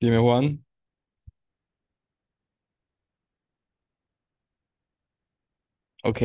Dime, Juan. Ok,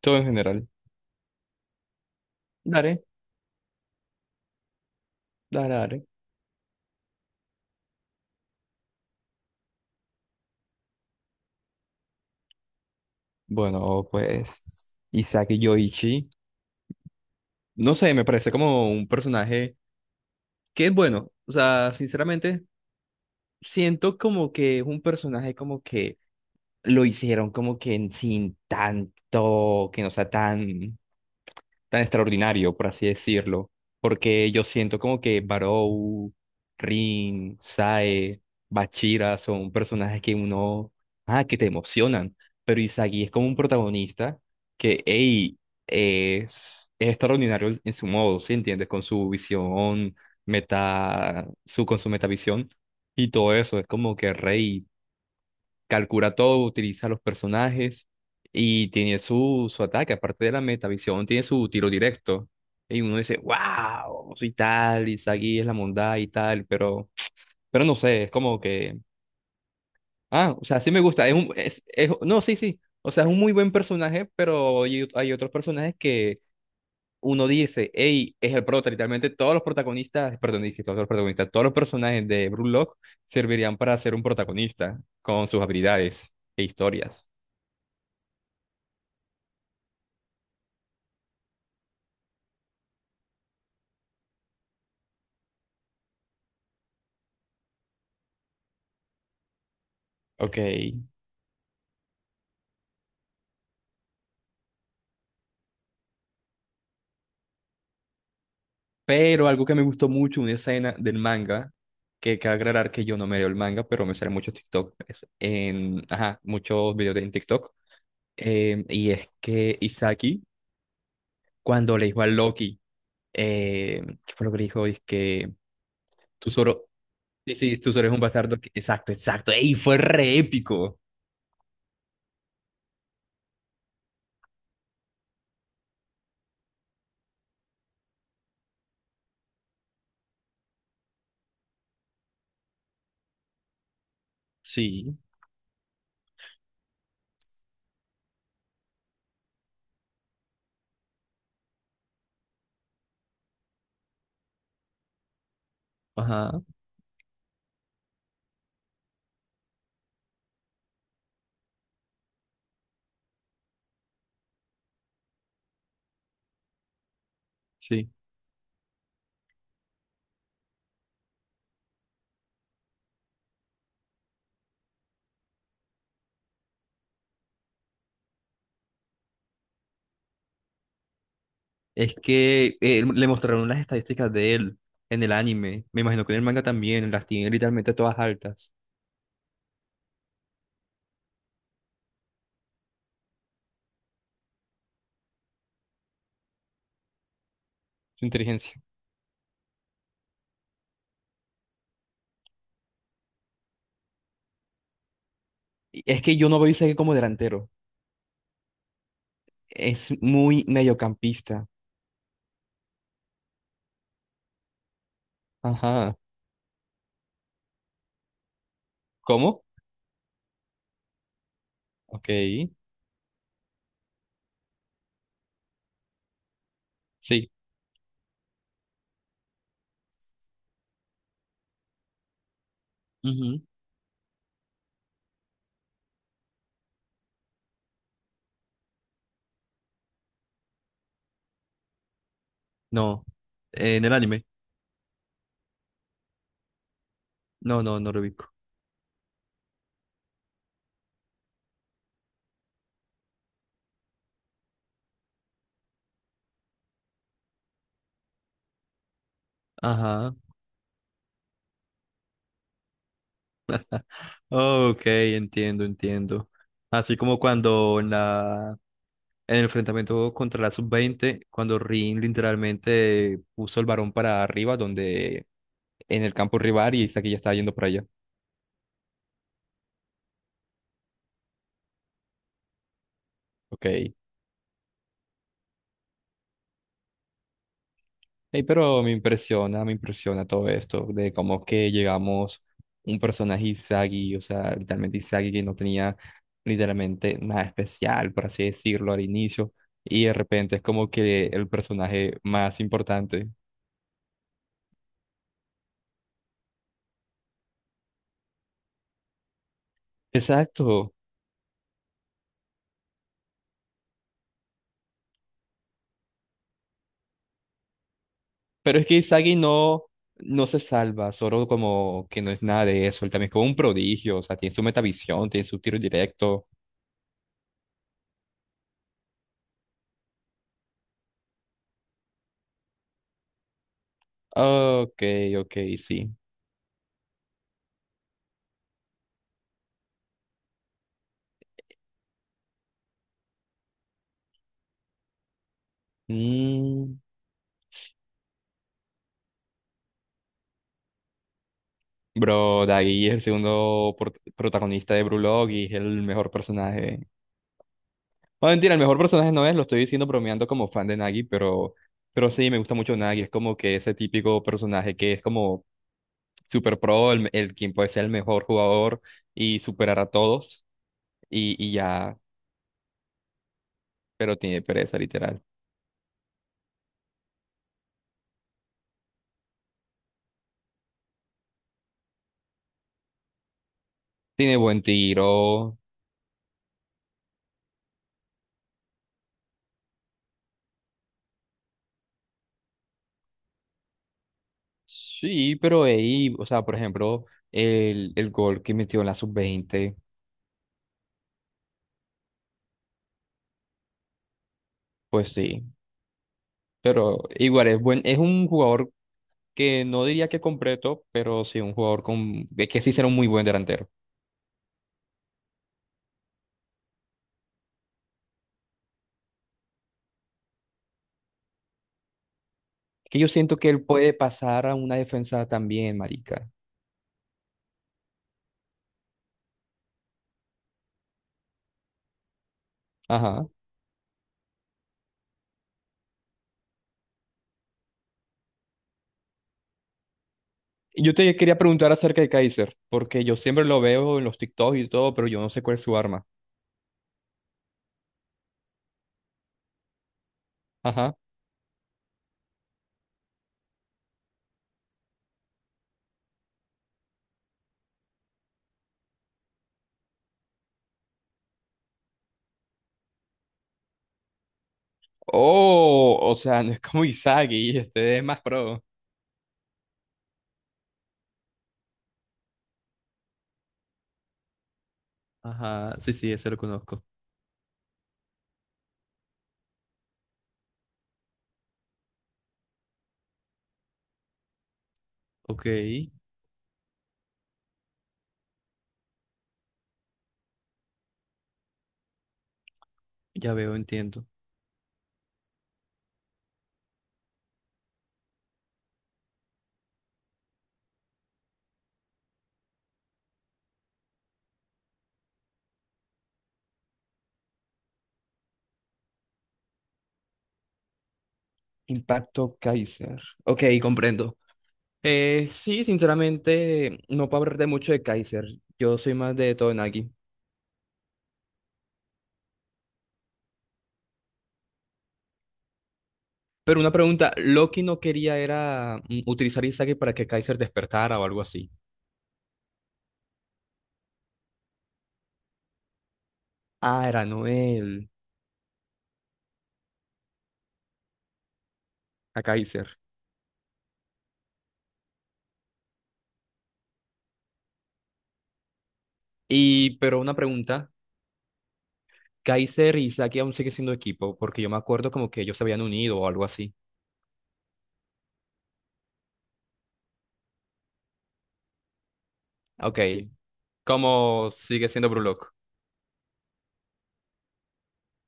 todo en general. Dale, dale. Bueno, pues Isaac Yoichi. No sé, me parece como un personaje que es bueno. O sea, sinceramente, siento como que es un personaje como que lo hicieron como que sin tanto, que no sea tan extraordinario, por así decirlo. Porque yo siento como que Barou, Rin, Sae, Bachira son personajes que uno, ah, que te emocionan. Pero Izagi es como un protagonista que, hey, es extraordinario en su modo, ¿sí entiendes? Con su visión, meta, su, con su metavisión y todo eso. Es como que rey calcula todo, utiliza los personajes y tiene su ataque, aparte de la metavisión, tiene su tiro directo. Y uno dice, wow, soy tal, y Sagi es la bondad y tal, pero no sé, es como que, ah, o sea, sí me gusta, es un, es- no, sí, sí, o sea, es un muy buen personaje, pero hay otros personajes que uno dice, hey, es el prota, literalmente todos los protagonistas, perdón, dije todos los protagonistas, todos los personajes de Brulock servirían para ser un protagonista con sus habilidades e historias. Ok. Pero algo que me gustó mucho, una escena del manga, que cabe aclarar que yo no me leo el manga, pero me salen muchos TikTok, ajá, muchos videos en TikTok. Y es que Isaki, cuando le dijo a Loki, ¿qué fue lo que le dijo? Es que tú solo, sí, sí, tú solo eres un bastardo. Exacto, exacto. ¡Ey! Fue re épico. Sí. Ajá. Sí. Es que le mostraron las estadísticas de él en el anime. Me imagino que en el manga también las tiene literalmente todas altas. Su inteligencia. Y es que yo no veo a Isaac como delantero. Es muy mediocampista. Ajá. ¿Cómo? Ok. Sí. Ujú. No. En el anime. No, no, no lo ubico. Ajá. Ok, entiendo, entiendo. Así como cuando en la en el enfrentamiento contra la sub 20 cuando Rin literalmente puso el varón para arriba, donde en el campo rival y Isaac ya estaba yendo para allá. Ok. Ey, pero me impresiona todo esto de cómo que llegamos un personaje Izagi, o sea, literalmente Izagi que no tenía literalmente nada especial, por así decirlo, al inicio, y de repente es como que el personaje más importante. Exacto, pero es que Izagi no, no se salva, solo como que no es nada de eso, él también es como un prodigio, o sea, tiene su metavisión, tiene su tiro directo. Ok, ok, sí. Mm. Bro, Daggy es el protagonista de Brulog y es el mejor personaje. Bueno, mentira, el mejor personaje no es, lo estoy diciendo bromeando como fan de Nagi, pero sí, me gusta mucho Nagi. Es como que ese típico personaje que es como super pro, el quien puede ser el mejor jugador y superar a todos. Y, y ya, pero tiene pereza, literal. Tiene buen tiro. Sí, pero ahí, o sea, por ejemplo, el gol que metió en la sub 20 pues sí. Pero igual es buen, es un jugador que no diría que completo, pero sí un jugador con, de que sí será un muy buen delantero. Que yo siento que él puede pasar a una defensa también, marica. Ajá. Y yo te quería preguntar acerca de Kaiser, porque yo siempre lo veo en los TikToks y todo, pero yo no sé cuál es su arma. Ajá. Oh, o sea, no es como Izagi, este es más pro. Ajá, sí, sí, ese lo conozco. Ok, ya veo, entiendo. Impacto Kaiser. Ok, comprendo. Sí, sinceramente, no puedo hablar de mucho de Kaiser. Yo soy más de Todenagi. Pero una pregunta, Loki no quería era utilizar Izagi para que Kaiser despertara o algo así. Ah, era Noel, a Kaiser. Y, pero una pregunta, Kaiser y Izagi aún sigue siendo equipo, porque yo me acuerdo como que ellos se habían unido o algo así. Ok, ¿cómo sigue siendo Brulock?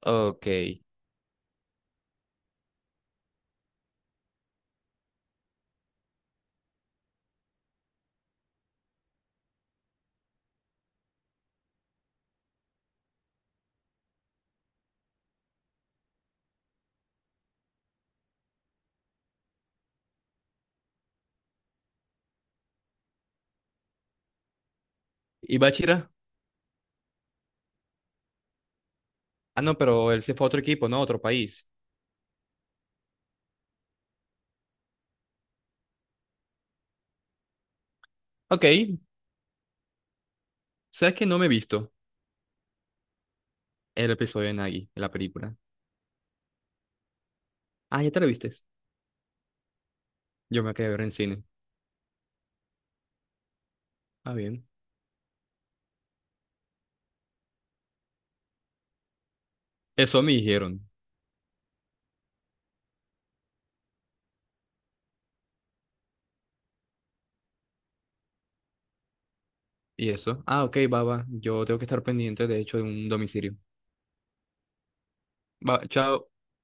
Ok. ¿Y Bachira? Ah, no, pero él se fue a otro equipo, ¿no? A otro país. Ok, ¿sabes que no me he visto el episodio de Nagi, la película? Ah, ¿ya te la vistes? Yo me quedé a ver en cine. Ah, bien. Eso me dijeron. ¿Y eso? Ah, ok, baba. Yo tengo que estar pendiente, de hecho, de un domicilio. Va, chao.